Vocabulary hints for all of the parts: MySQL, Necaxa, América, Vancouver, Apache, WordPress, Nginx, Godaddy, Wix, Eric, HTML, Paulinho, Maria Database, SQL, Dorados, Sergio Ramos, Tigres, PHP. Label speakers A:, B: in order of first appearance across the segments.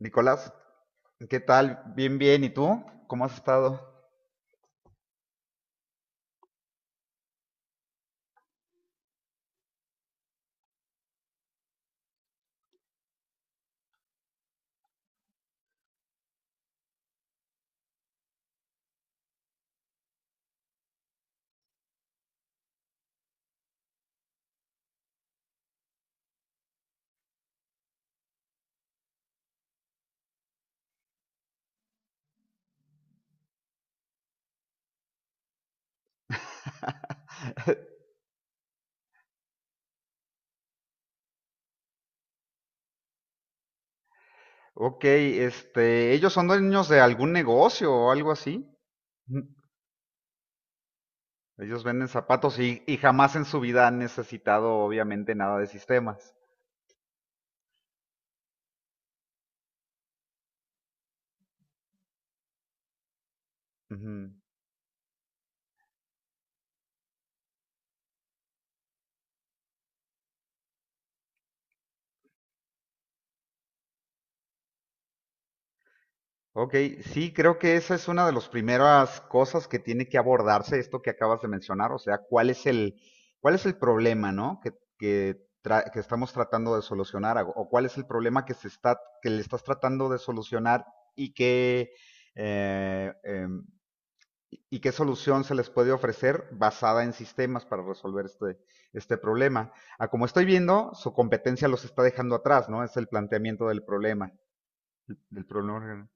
A: Nicolás, ¿qué tal? Bien, bien. ¿Y tú? ¿Cómo has estado? Ok, ellos son dueños de algún negocio o algo así. Ujú. Ellos venden zapatos y jamás en su vida han necesitado, obviamente, nada de sistemas. Ujú. Ok, sí, creo que esa es una de las primeras cosas que tiene que abordarse, esto que acabas de mencionar, o sea, cuál es el problema, ¿no? Que estamos tratando de solucionar, o cuál es el problema que se está, que le estás tratando de solucionar y qué, eh, em, qué solución se les puede ofrecer basada en sistemas para resolver este problema. A como estoy viendo, su competencia los está dejando atrás, ¿no? Es el planteamiento del problema.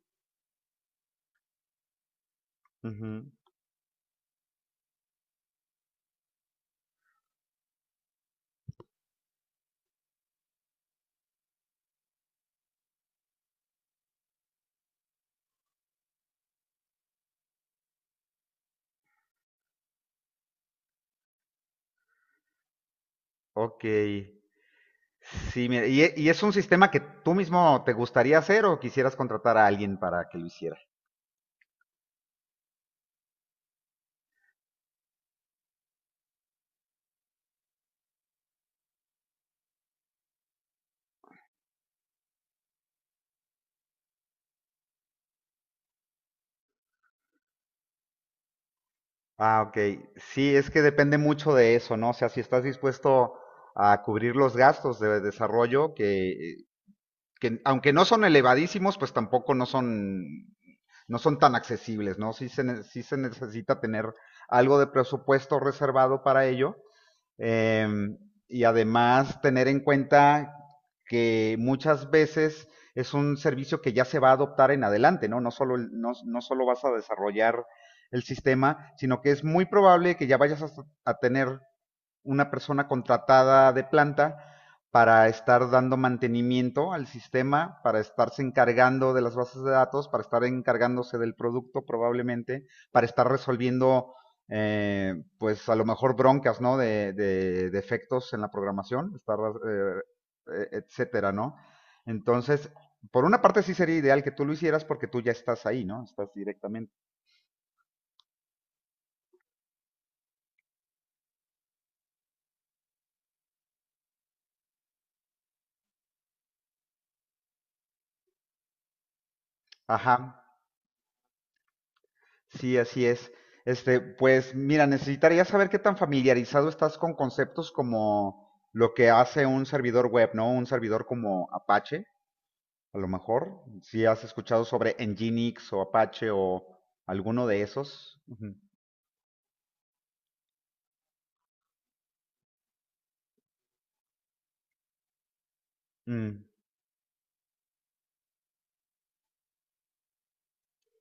A: Ujú. Ok. Sí, mira, ¿y es un sistema que tú mismo te gustaría hacer o quisieras contratar a alguien para que lo hiciera? Ah, ok. Sí, es que depende mucho de eso, ¿no? O sea, si estás dispuesto a cubrir los gastos de desarrollo, que aunque no son elevadísimos, pues tampoco no son tan accesibles, ¿no? Sí se necesita tener algo de presupuesto reservado para ello. Eh, y además tener en cuenta que muchas veces es un servicio que ya se va a adoptar en adelante, ¿no? No solo vas a desarrollar el sistema, sino que es muy probable que ya vayas a tener una persona contratada de planta para estar dando mantenimiento al sistema, para estarse encargando de las bases de datos, para estar encargándose del producto probablemente, para estar resolviendo, pues a lo mejor broncas, ¿no? De defectos en la programación, eh, etcétera, ¿no? Entonces, por una parte sí sería ideal que tú lo hicieras porque tú ya estás ahí, ¿no? Estás directamente. Ajá. Sí, así es. Pues mira, necesitaría saber qué tan familiarizado estás con conceptos como lo que hace un servidor web, ¿no? Un servidor como Apache, a lo mejor. Si has escuchado sobre Nginx o Apache o alguno de esos. Ujú. Mm,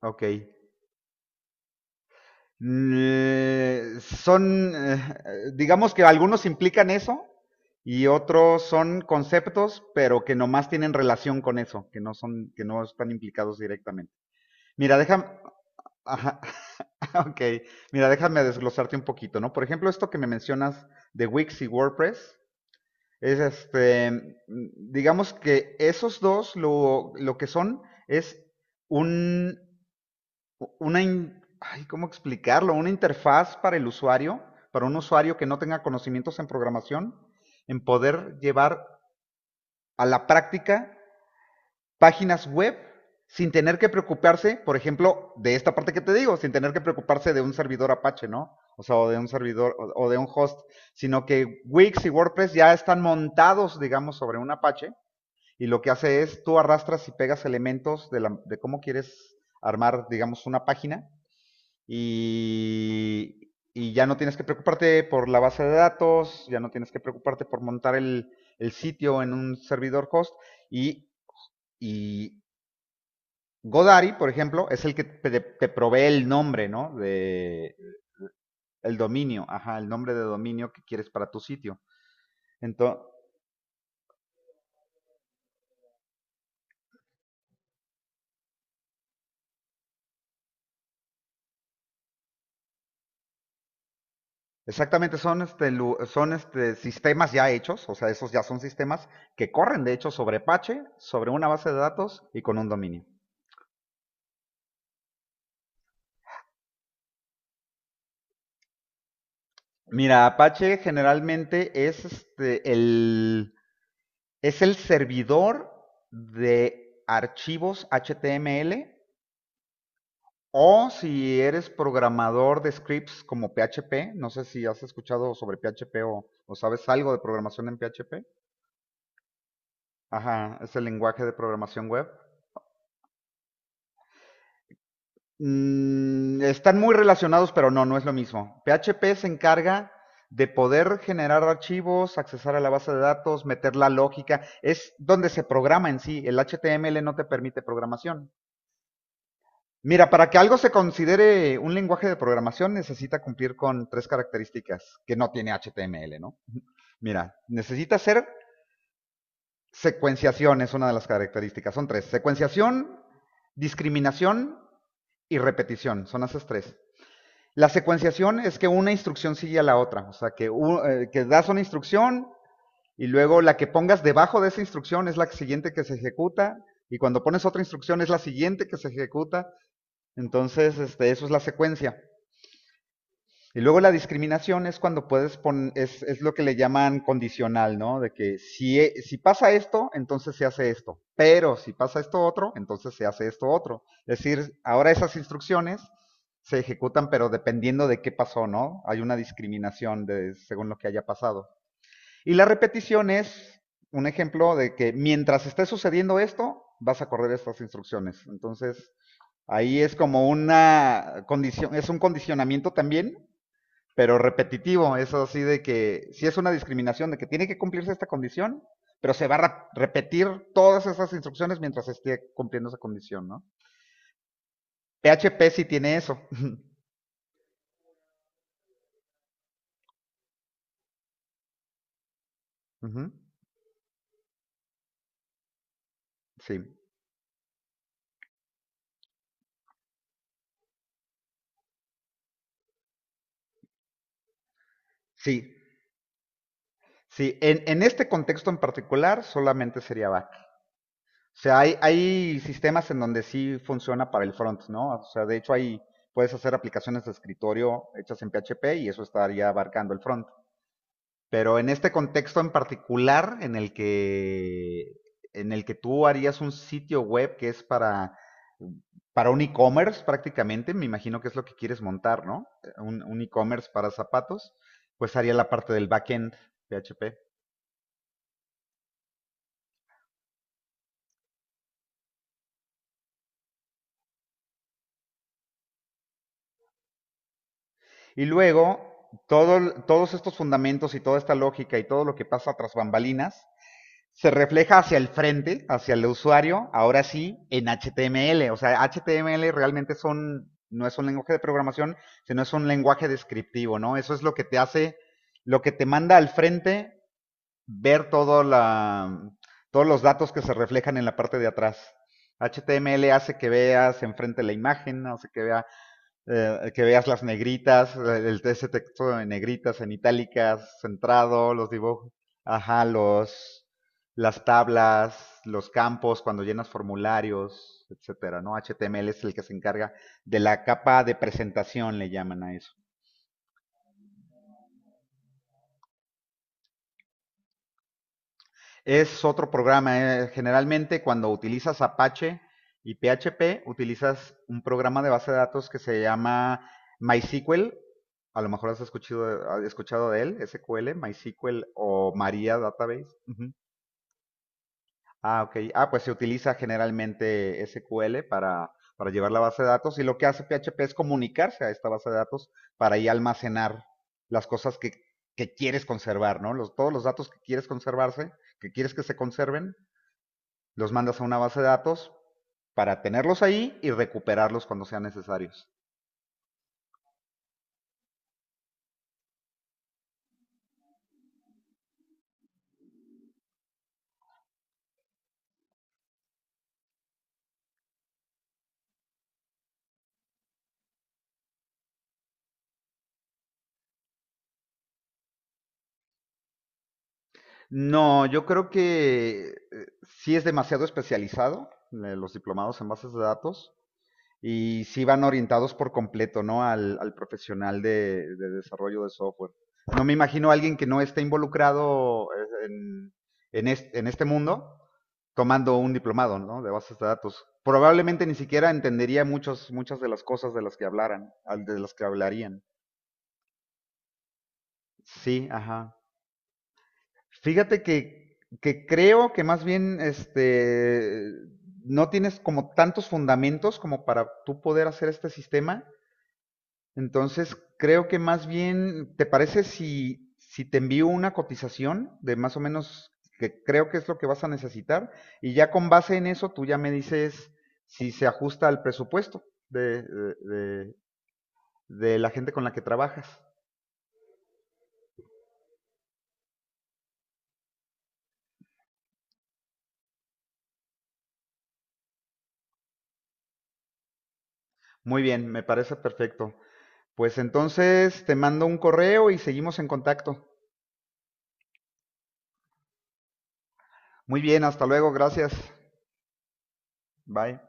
A: ok. Son, digamos que algunos implican eso y otros son conceptos, pero que nomás tienen relación con eso, que no están implicados directamente. Mira, déjame. Ajá, ok. Mira, déjame desglosarte un poquito, ¿no? Por ejemplo, esto que me mencionas de Wix y WordPress, es digamos que esos dos lo que son es un, ay, ¿cómo explicarlo? Una interfaz para el usuario, para un usuario que no tenga conocimientos en programación, en poder llevar a la práctica páginas web sin tener que preocuparse, por ejemplo, de esta parte que te digo, sin tener que preocuparse de un servidor Apache, ¿no? O sea, o de un servidor o de un host, sino que Wix y WordPress ya están montados, digamos, sobre un Apache y lo que hace es tú arrastras y pegas elementos de cómo quieres armar, digamos, una página y ya no tienes que preocuparte por la base de datos, ya no tienes que preocuparte por montar el sitio en un servidor host y, y Godaddy, por ejemplo, es el que te provee el nombre, ¿no? De el dominio, ajá, el nombre de dominio que quieres para tu sitio. Entonces, exactamente son este sistemas ya hechos, o sea, esos ya son sistemas que corren de hecho sobre Apache, sobre una base de datos y con un dominio. Mira, Apache generalmente es el servidor de archivos HTML. O si eres programador de scripts como PHP, no sé si has escuchado sobre PHP o sabes algo de programación en PHP. Ajá, es el lenguaje de programación web. Están muy relacionados, pero no, no es lo mismo. PHP se encarga de poder generar archivos, accesar a la base de datos, meter la lógica. Es donde se programa en sí. El HTML no te permite programación. Mira, para que algo se considere un lenguaje de programación necesita cumplir con tres características que no tiene HTML, ¿no? Mira, necesita ser secuenciación, es una de las características. Son tres. Secuenciación, discriminación y repetición. Son esas tres. La secuenciación es que una instrucción sigue a la otra. O sea, que das una instrucción y luego la que pongas debajo de esa instrucción es la siguiente que se ejecuta. Y cuando pones otra instrucción es la siguiente que se ejecuta. Entonces, eso es la secuencia. Y luego la discriminación es cuando puedes poner, es lo que le llaman condicional, ¿no? De que si pasa esto, entonces se hace esto. Pero si pasa esto otro, entonces se hace esto otro. Es decir, ahora esas instrucciones se ejecutan, pero dependiendo de qué pasó, ¿no? Hay una discriminación de, según lo que haya pasado. Y la repetición es un ejemplo de que mientras esté sucediendo esto, vas a correr estas instrucciones. Entonces, ahí es como una condición, es un condicionamiento también, pero repetitivo. Eso así de que si es una discriminación de que tiene que cumplirse esta condición, pero se va a repetir todas esas instrucciones mientras esté cumpliendo esa condición, ¿no? PHP sí tiene eso. Ujú. Sí, sí, sí. En este contexto en particular solamente sería bat. O sea, hay sistemas en donde sí funciona para el front, ¿no? O sea, puedes hacer aplicaciones de escritorio hechas en PHP y eso estaría abarcando el front. Pero en este contexto en particular, en el que tú harías un sitio web que es para un e-commerce prácticamente, me imagino que es lo que quieres montar, ¿no? Un e-commerce para zapatos, pues haría la parte del backend PHP. Y luego, todos estos fundamentos y toda esta lógica y todo lo que pasa tras bambalinas se refleja hacia el frente, hacia el usuario, ahora sí, en HTML. O sea, HTML realmente son, no es un lenguaje de programación, sino es un lenguaje descriptivo, ¿no? Eso es lo que te hace, lo que te manda al frente ver todos los datos que se reflejan en la parte de atrás. HTML hace que veas enfrente la imagen, hace que vea que veas las negritas, ese texto en negritas, en itálicas, centrado, los dibujos, ajá, las tablas, los campos cuando llenas formularios, etcétera, ¿no? HTML es el que se encarga de la capa de presentación, le llaman a eso. Es otro programa. Generalmente cuando utilizas Apache y PHP, utilizas un programa de base de datos que se llama MySQL. A lo mejor has escuchado de él, SQL, MySQL o Maria Database. Ujú. Ah, ok. Ah, pues se utiliza generalmente SQL para llevar la base de datos y lo que hace PHP es comunicarse a esta base de datos para ahí almacenar las cosas que quieres conservar, ¿no? Los, todos los datos que quieres conservarse, que quieres que se conserven, los mandas a una base de datos para tenerlos ahí y recuperarlos cuando sean necesarios. No, yo creo que sí es demasiado especializado, los diplomados en bases de datos y sí van orientados por completo, ¿no? Al profesional de, desarrollo de software. No me imagino a alguien que no esté involucrado, en este mundo tomando un diplomado, ¿no? De bases de datos. Probablemente ni siquiera entendería muchas de las cosas de las que hablaran, de las que hablarían. Sí, ajá. Fíjate que creo que más bien no tienes como tantos fundamentos como para tú poder hacer este sistema. Entonces, creo que más bien, ¿te parece si te envío una cotización de más o menos que creo que es lo que vas a necesitar? Y ya con base en eso, tú ya me dices si se ajusta al presupuesto de, de la gente con la que trabajas. Muy bien, me parece perfecto. Pues entonces te mando un correo y seguimos en contacto. Muy bien, hasta luego, gracias. Bye.